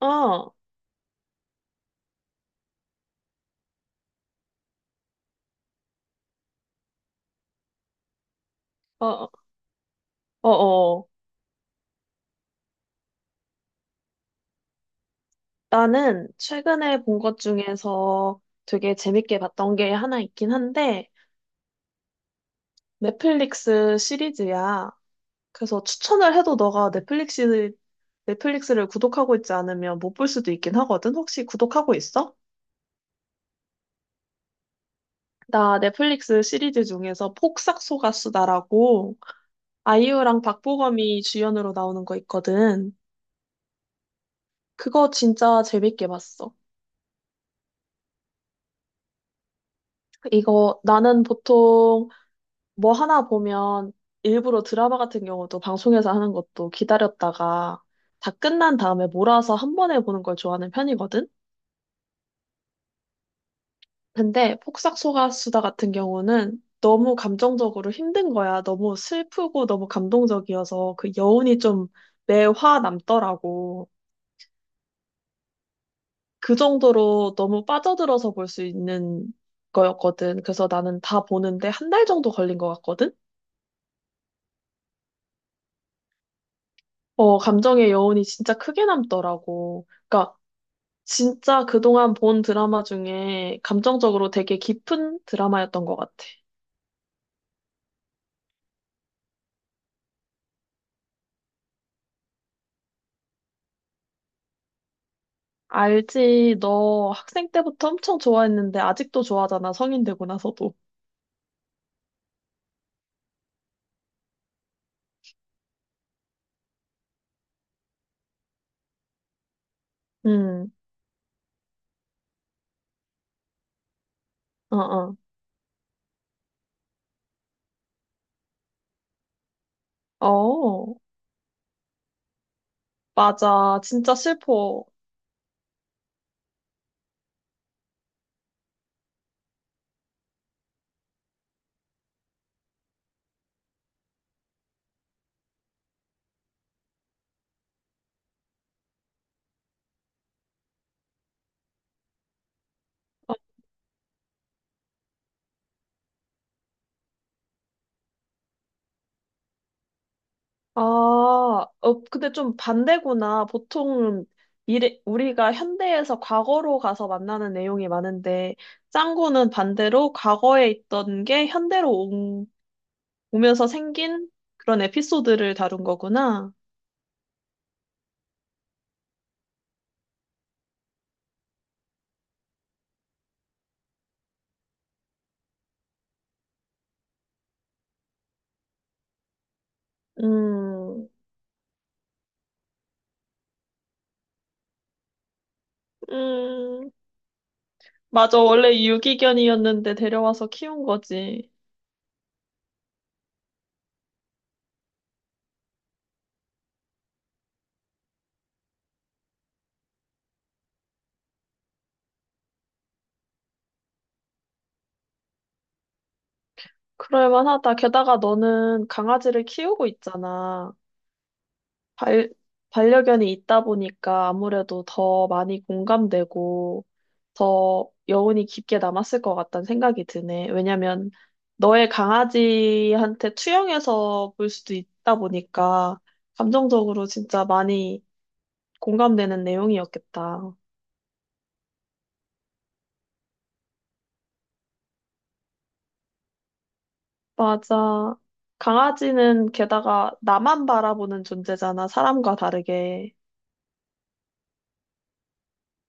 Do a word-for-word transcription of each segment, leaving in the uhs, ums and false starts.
어, 어, 어, 어. 어. 나는 최근에 본 것 중에서 되게 재밌게 봤던 게 하나 있긴 한데, 넷플릭스 시리즈야. 그래서 추천을 해도 너가 넷플릭스, 넷플릭스를 구독하고 있지 않으면 못 볼 수도 있긴 하거든. 혹시 구독하고 있어? 나 넷플릭스 시리즈 중에서 폭삭소가수다라고 아이유랑 박보검이 주연으로 나오는 거 있거든. 그거 진짜 재밌게 봤어. 이거 나는 보통 뭐 하나 보면 일부러 드라마 같은 경우도 방송에서 하는 것도 기다렸다가 다 끝난 다음에 몰아서 한 번에 보는 걸 좋아하는 편이거든? 근데 폭삭소가수다 같은 경우는 너무 감정적으로 힘든 거야. 너무 슬프고 너무 감동적이어서 그 여운이 좀 매화 남더라고. 그 정도로 너무 빠져들어서 볼 수 있는 거였거든. 그래서 나는 다 보는데 한 달 정도 걸린 것 같거든? 어, 감정의 여운이 진짜 크게 남더라고. 그러니까 진짜 그동안 본 드라마 중에 감정적으로 되게 깊은 드라마였던 것 같아. 알지? 너 학생 때부터 엄청 좋아했는데 아직도 좋아하잖아. 성인 되고 나서도. 응, 어, 어. 어, 맞아. 진짜 슬퍼. 어, 아, 어, 근데 좀 반대구나. 보통 미래, 우리가 현대에서 과거로 가서 만나는 내용이 많은데, 짱구는 반대로 과거에 있던 게 현대로 보면서 생긴 그런 에피소드를 다룬 거구나. 음, 음, 맞아. 원래 유기견이었는데 데려와서 키운 거지. 그럴만하다. 게다가 너는 강아지를 키우고 있잖아. 발, 반려견이 있다 보니까 아무래도 더 많이 공감되고 더 여운이 깊게 남았을 것 같다는 생각이 드네. 왜냐면 너의 강아지한테 투영해서 볼 수도 있다 보니까 감정적으로 진짜 많이 공감되는 내용이었겠다. 맞아. 강아지는 게다가 나만 바라보는 존재잖아, 사람과 다르게.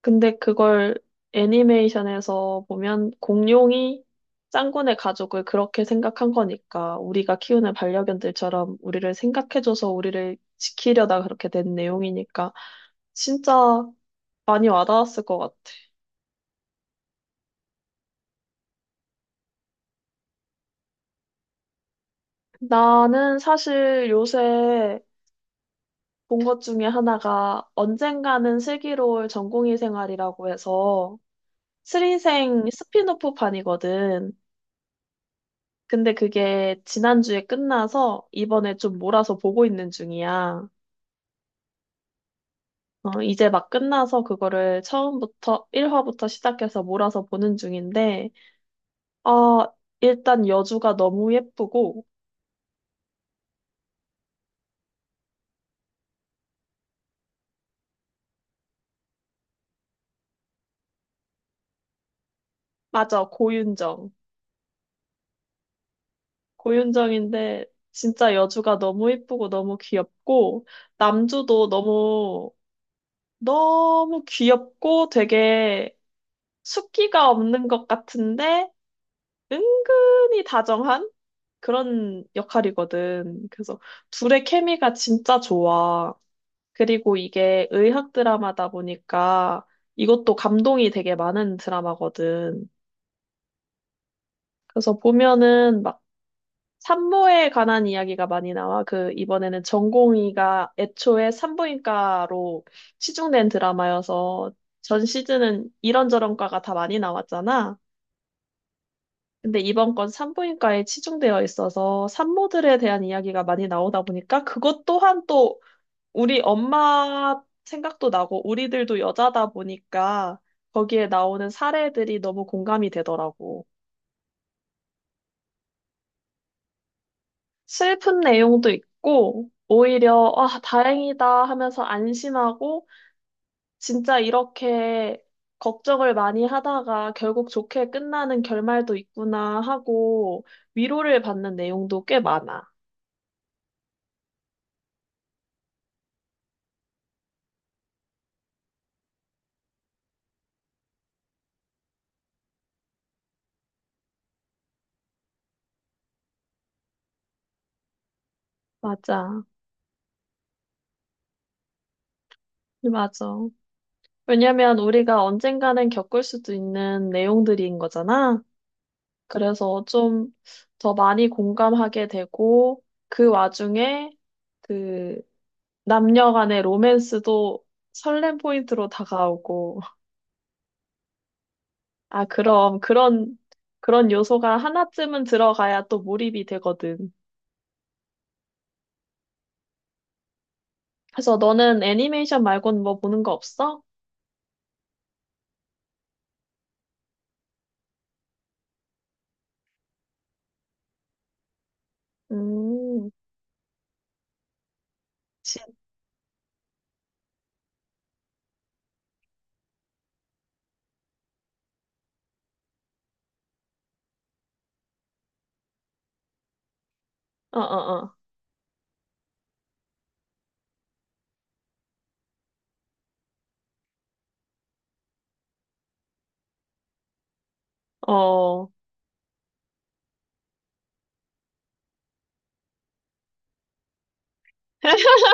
근데 그걸 애니메이션에서 보면 공룡이 짱구네 가족을 그렇게 생각한 거니까 우리가 키우는 반려견들처럼 우리를 생각해줘서 우리를 지키려다 그렇게 된 내용이니까 진짜 많이 와닿았을 것 같아. 나는 사실 요새 본 것 중에 하나가 언젠가는 슬기로울 전공의 생활이라고 해서 수리생 스핀오프판이거든. 근데 그게 지난주에 끝나서 이번에 좀 몰아서 보고 있는 중이야. 어, 이제 막 끝나서 그거를 처음부터 일 화부터 시작해서 몰아서 보는 중인데, 어, 일단 여주가 너무 예쁘고, 맞아, 고윤정. 고윤정인데 진짜 여주가 너무 예쁘고 너무 귀엽고, 남주도 너무 너무 귀엽고 되게 숫기가 없는 것 같은데 은근히 다정한 그런 역할이거든. 그래서 둘의 케미가 진짜 좋아. 그리고 이게 의학 드라마다 보니까 이것도 감동이 되게 많은 드라마거든. 그래서 보면은 막 산모에 관한 이야기가 많이 나와. 그, 이번에는 전공의가 애초에 산부인과로 치중된 드라마여서 전 시즌은 이런저런 과가 다 많이 나왔잖아. 근데 이번 건 산부인과에 치중되어 있어서 산모들에 대한 이야기가 많이 나오다 보니까 그것 또한 또 우리 엄마 생각도 나고 우리들도 여자다 보니까 거기에 나오는 사례들이 너무 공감이 되더라고. 슬픈 내용도 있고, 오히려, 아, 다행이다 하면서 안심하고, 진짜 이렇게 걱정을 많이 하다가 결국 좋게 끝나는 결말도 있구나 하고, 위로를 받는 내용도 꽤 많아. 맞아. 맞아. 왜냐면 우리가 언젠가는 겪을 수도 있는 내용들인 거잖아. 그래서 좀 더 많이 공감하게 되고, 그 와중에, 그, 남녀 간의 로맨스도 설렘 포인트로 다가오고, 아, 그럼 그런, 그런 요소가 하나쯤은 들어가야 또 몰입이 되거든. 그래서 너는 애니메이션 말고는 뭐 보는 거 없어? 음, 진, 어, 어, 어, 어,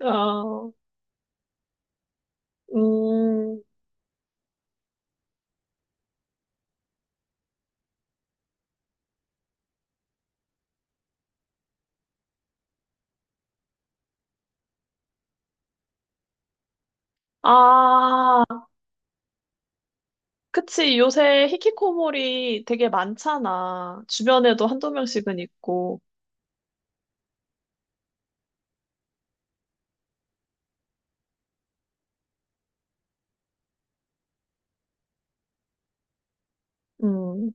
어, 음, 아, 그치. 요새 히키코모리 되게 많잖아. 주변에도 한두 명씩은 있고, 음,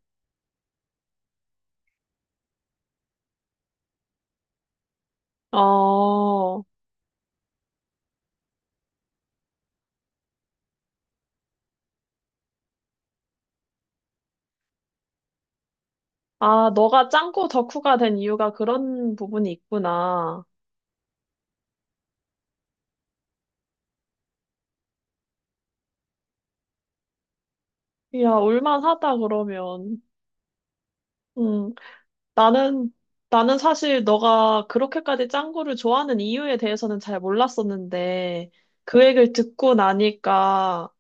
어, 아, 너가 짱구 덕후가 된 이유가 그런 부분이 있구나. 야, 올만하다, 그러면. 음, 나는, 나는 사실 너가 그렇게까지 짱구를 좋아하는 이유에 대해서는 잘 몰랐었는데, 그 얘기를 듣고 나니까,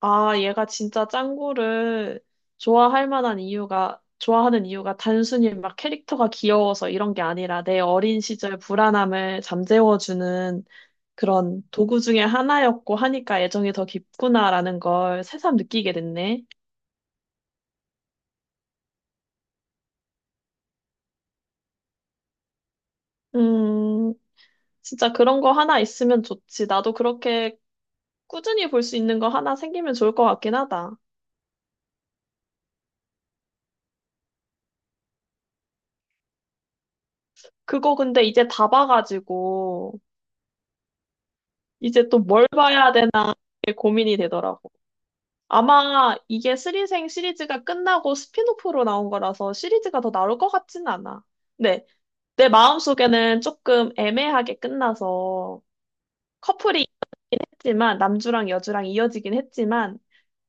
아, 얘가 진짜 짱구를 좋아할 만한 이유가, 좋아하는 이유가 단순히 막 캐릭터가 귀여워서 이런 게 아니라 내 어린 시절 불안함을 잠재워주는 그런 도구 중에 하나였고 하니까 애정이 더 깊구나라는 걸 새삼 느끼게 됐네. 음, 진짜 그런 거 하나 있으면 좋지. 나도 그렇게 꾸준히 볼 수 있는 거 하나 생기면 좋을 것 같긴 하다. 그거 근데 이제 다 봐가지고, 이제 또 뭘 봐야 되나 이게 고민이 되더라고. 아마 이게 스리생 시리즈가 끝나고 스핀오프로 나온 거라서 시리즈가 더 나올 것 같진 않아. 네, 내 마음속에는 조금 애매하게 끝나서 커플이 했지만 남주랑 여주랑 이어지긴 했지만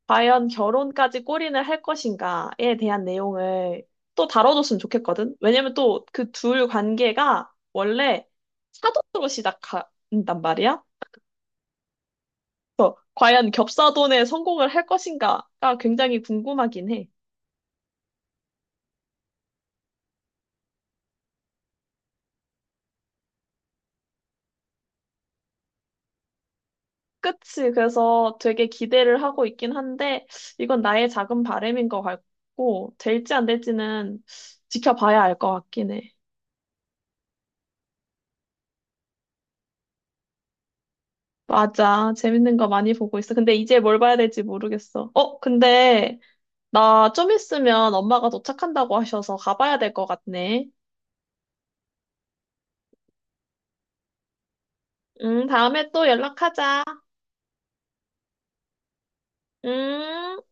과연 결혼까지 꼬리을할 것인가에 대한 내용을 또 다뤄줬으면 좋겠거든. 왜냐면 또 그 둘 관계가 원래 사돈으로 시작한단 말이야. 과연 겹사돈에 성공을 할 것인가가 굉장히 궁금하긴 해. 그치 그래서 되게 기대를 하고 있긴 한데 이건 나의 작은 바램인것 같고 될지 안 될지는 지켜봐야 알 것 같긴 해. 맞아. 재밌는 거 많이 보고 있어. 근데 이제 뭘 봐야 될지 모르겠어. 어, 근데 나 좀 있으면 엄마가 도착한다고 하셔서 가봐야 될 것 같네. 음, 다음에 또 연락하자. 음.